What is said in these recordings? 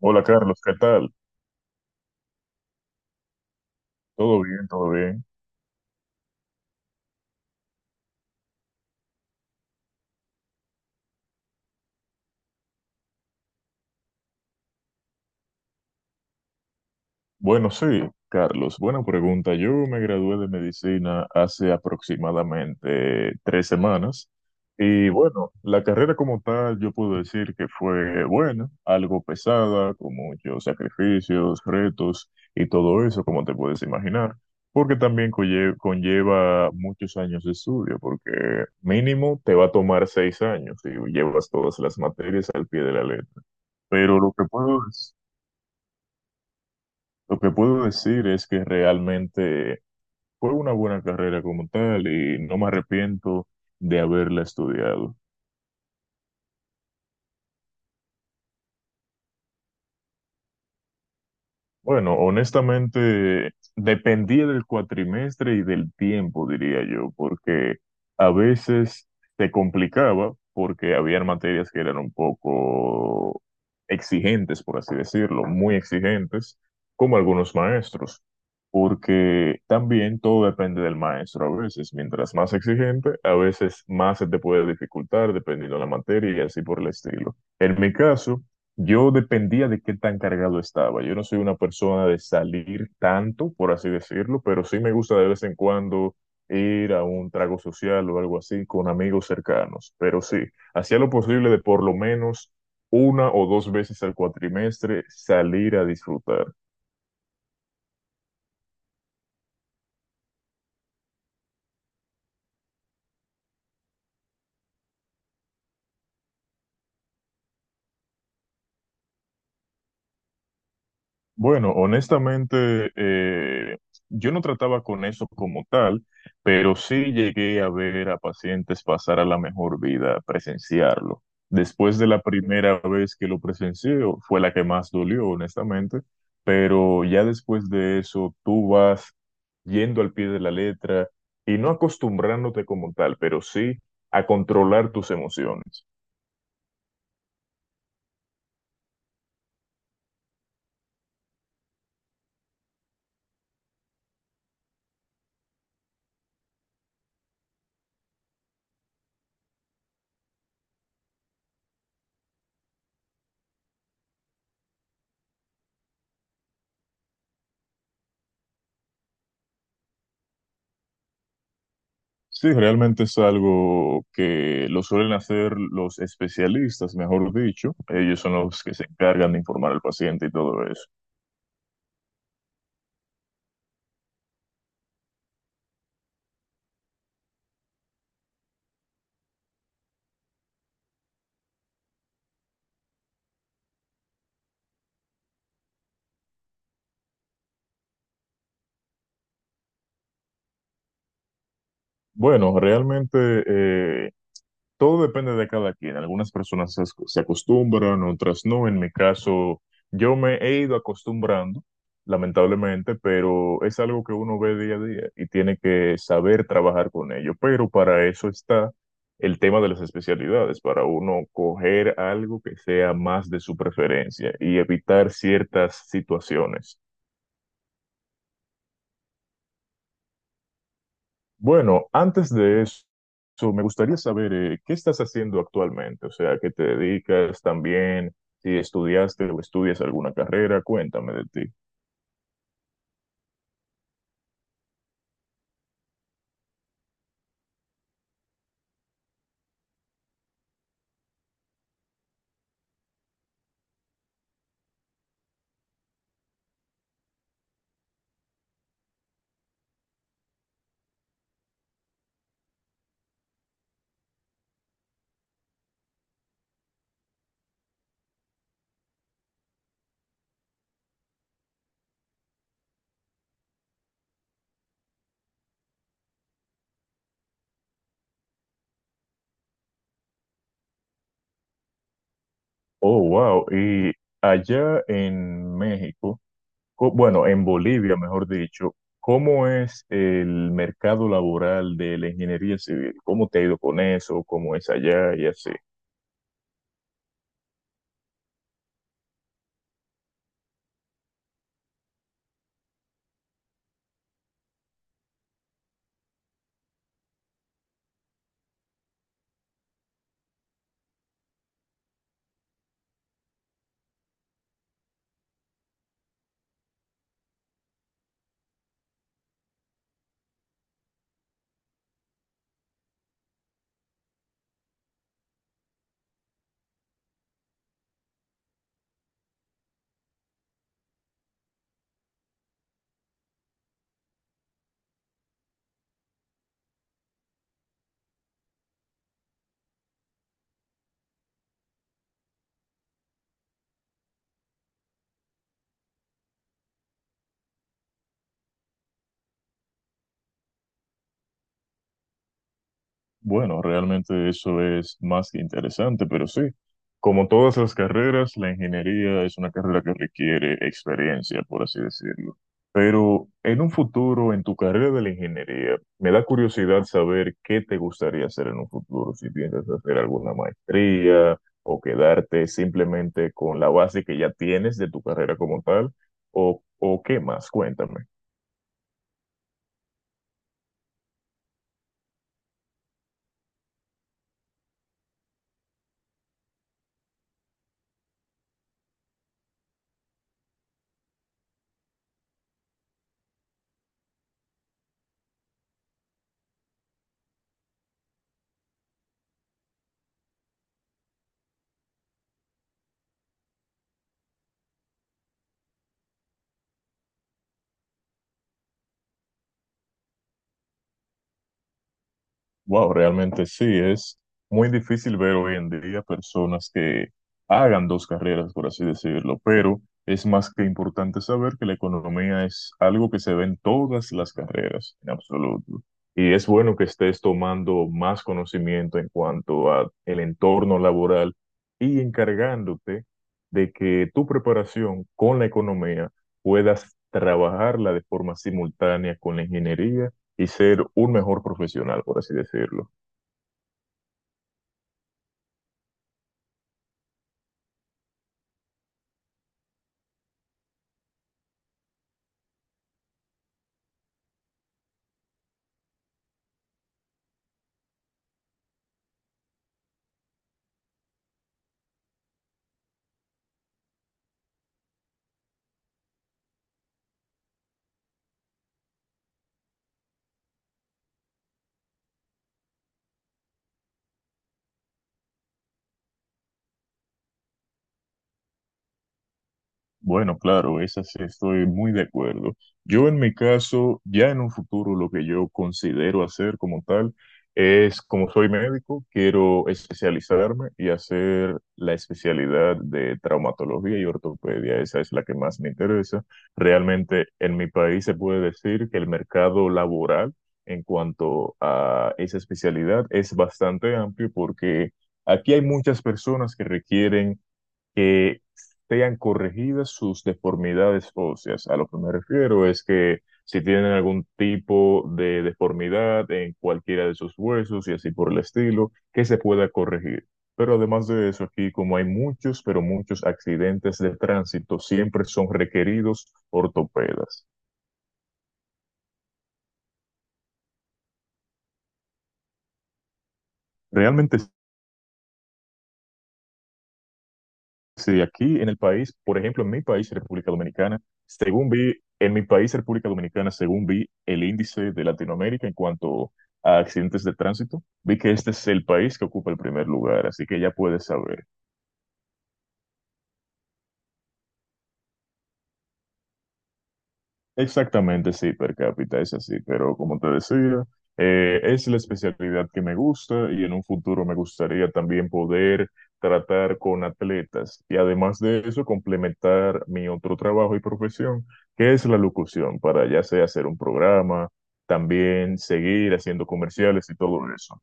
Hola Carlos, ¿qué tal? ¿Todo bien? ¿Todo bien? Bueno, sí, Carlos, buena pregunta. Yo me gradué de medicina hace aproximadamente 3 semanas y bueno, la carrera como tal yo puedo decir que fue buena, algo pesada, con muchos sacrificios, retos y todo eso, como te puedes imaginar, porque también conlleva muchos años de estudio, porque mínimo te va a tomar 6 años y llevas todas las materias al pie de la letra. Pero lo que puedo decir es que realmente fue una buena carrera como tal y no me arrepiento de haberla estudiado. Bueno, honestamente, dependía del cuatrimestre y del tiempo, diría yo, porque a veces se complicaba porque había materias que eran un poco exigentes, por así decirlo, muy exigentes, como algunos maestros, porque también todo depende del maestro a veces. Mientras más exigente, a veces más se te puede dificultar dependiendo de la materia y así por el estilo. En mi caso, yo dependía de qué tan cargado estaba. Yo no soy una persona de salir tanto, por así decirlo, pero sí me gusta de vez en cuando ir a un trago social o algo así con amigos cercanos. Pero sí, hacía lo posible de por lo menos una o dos veces al cuatrimestre salir a disfrutar. Bueno, honestamente, yo no trataba con eso como tal, pero sí llegué a ver a pacientes pasar a la mejor vida, a presenciarlo. Después de la primera vez que lo presencié, fue la que más dolió, honestamente, pero ya después de eso, tú vas yendo al pie de la letra y no acostumbrándote como tal, pero sí a controlar tus emociones. Sí, realmente es algo que lo suelen hacer los especialistas, mejor dicho. Ellos son los que se encargan de informar al paciente y todo eso. Bueno, realmente eh, Todo depende de cada quien. Algunas personas se acostumbran, otras no. En mi caso, yo me he ido acostumbrando, lamentablemente, pero es algo que uno ve día a día y tiene que saber trabajar con ello. Pero para eso está el tema de las especialidades, para uno coger algo que sea más de su preferencia y evitar ciertas situaciones. Bueno, antes de eso, so, me gustaría saber qué estás haciendo actualmente, o sea, qué te dedicas también, si estudiaste o estudias alguna carrera, cuéntame de ti. Oh, wow, y allá en México, bueno, en Bolivia, mejor dicho, ¿cómo es el mercado laboral de la ingeniería civil? ¿Cómo te ha ido con eso? ¿Cómo es allá y así? Bueno, realmente eso es más que interesante, pero sí, como todas las carreras, la ingeniería es una carrera que requiere experiencia, por así decirlo. Pero en un futuro, en tu carrera de la ingeniería, me da curiosidad saber qué te gustaría hacer en un futuro, si piensas hacer alguna maestría o quedarte simplemente con la base que ya tienes de tu carrera como tal, o qué más, cuéntame. Wow, realmente sí, es muy difícil ver hoy en día personas que hagan dos carreras, por así decirlo, pero es más que importante saber que la economía es algo que se ve en todas las carreras, en absoluto. Y es bueno que estés tomando más conocimiento en cuanto a el entorno laboral y encargándote de que tu preparación con la economía puedas trabajarla de forma simultánea con la ingeniería y ser un mejor profesional, por así decirlo. Bueno, claro, esa sí estoy muy de acuerdo. Yo en mi caso, ya en un futuro lo que yo considero hacer como tal es, como soy médico, quiero especializarme y hacer la especialidad de traumatología y ortopedia. Esa es la que más me interesa. Realmente en mi país se puede decir que el mercado laboral en cuanto a esa especialidad es bastante amplio porque aquí hay muchas personas que requieren que sean corregidas sus deformidades óseas. A lo que me refiero es que si tienen algún tipo de deformidad en cualquiera de sus huesos y así por el estilo, que se pueda corregir. Pero además de eso, aquí como hay muchos, pero muchos accidentes de tránsito, siempre son requeridos ortopedas. Realmente Sí, aquí en el país, por ejemplo, en mi país, República Dominicana, según vi el índice de Latinoamérica en cuanto a accidentes de tránsito, vi que este es el país que ocupa el primer lugar, así que ya puedes saber. Exactamente, sí, per cápita es así, pero como te decía, es la especialidad que me gusta y en un futuro me gustaría también poder tratar con atletas y además de eso complementar mi otro trabajo y profesión, que es la locución, para ya sea hacer un programa, también seguir haciendo comerciales y todo eso.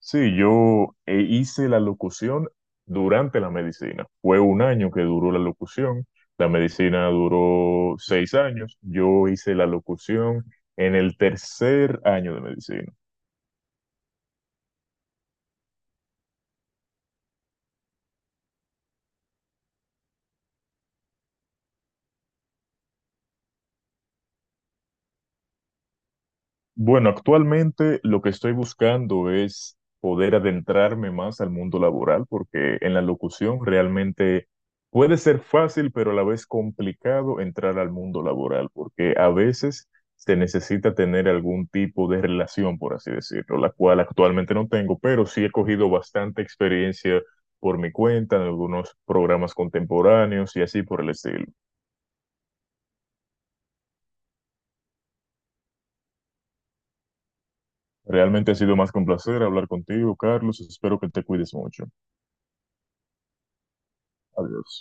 Sí, yo hice la locución durante la medicina. Fue un año que duró la locución. La medicina duró 6 años. Yo hice la locución en el tercer año de medicina. Bueno, actualmente lo que estoy buscando es poder adentrarme más al mundo laboral, porque en la locución realmente puede ser fácil, pero a la vez complicado entrar al mundo laboral, porque a veces se necesita tener algún tipo de relación, por así decirlo, la cual actualmente no tengo, pero sí he cogido bastante experiencia por mi cuenta en algunos programas contemporáneos y así por el estilo. Realmente ha sido más que un placer hablar contigo, Carlos. Espero que te cuides mucho. Adiós.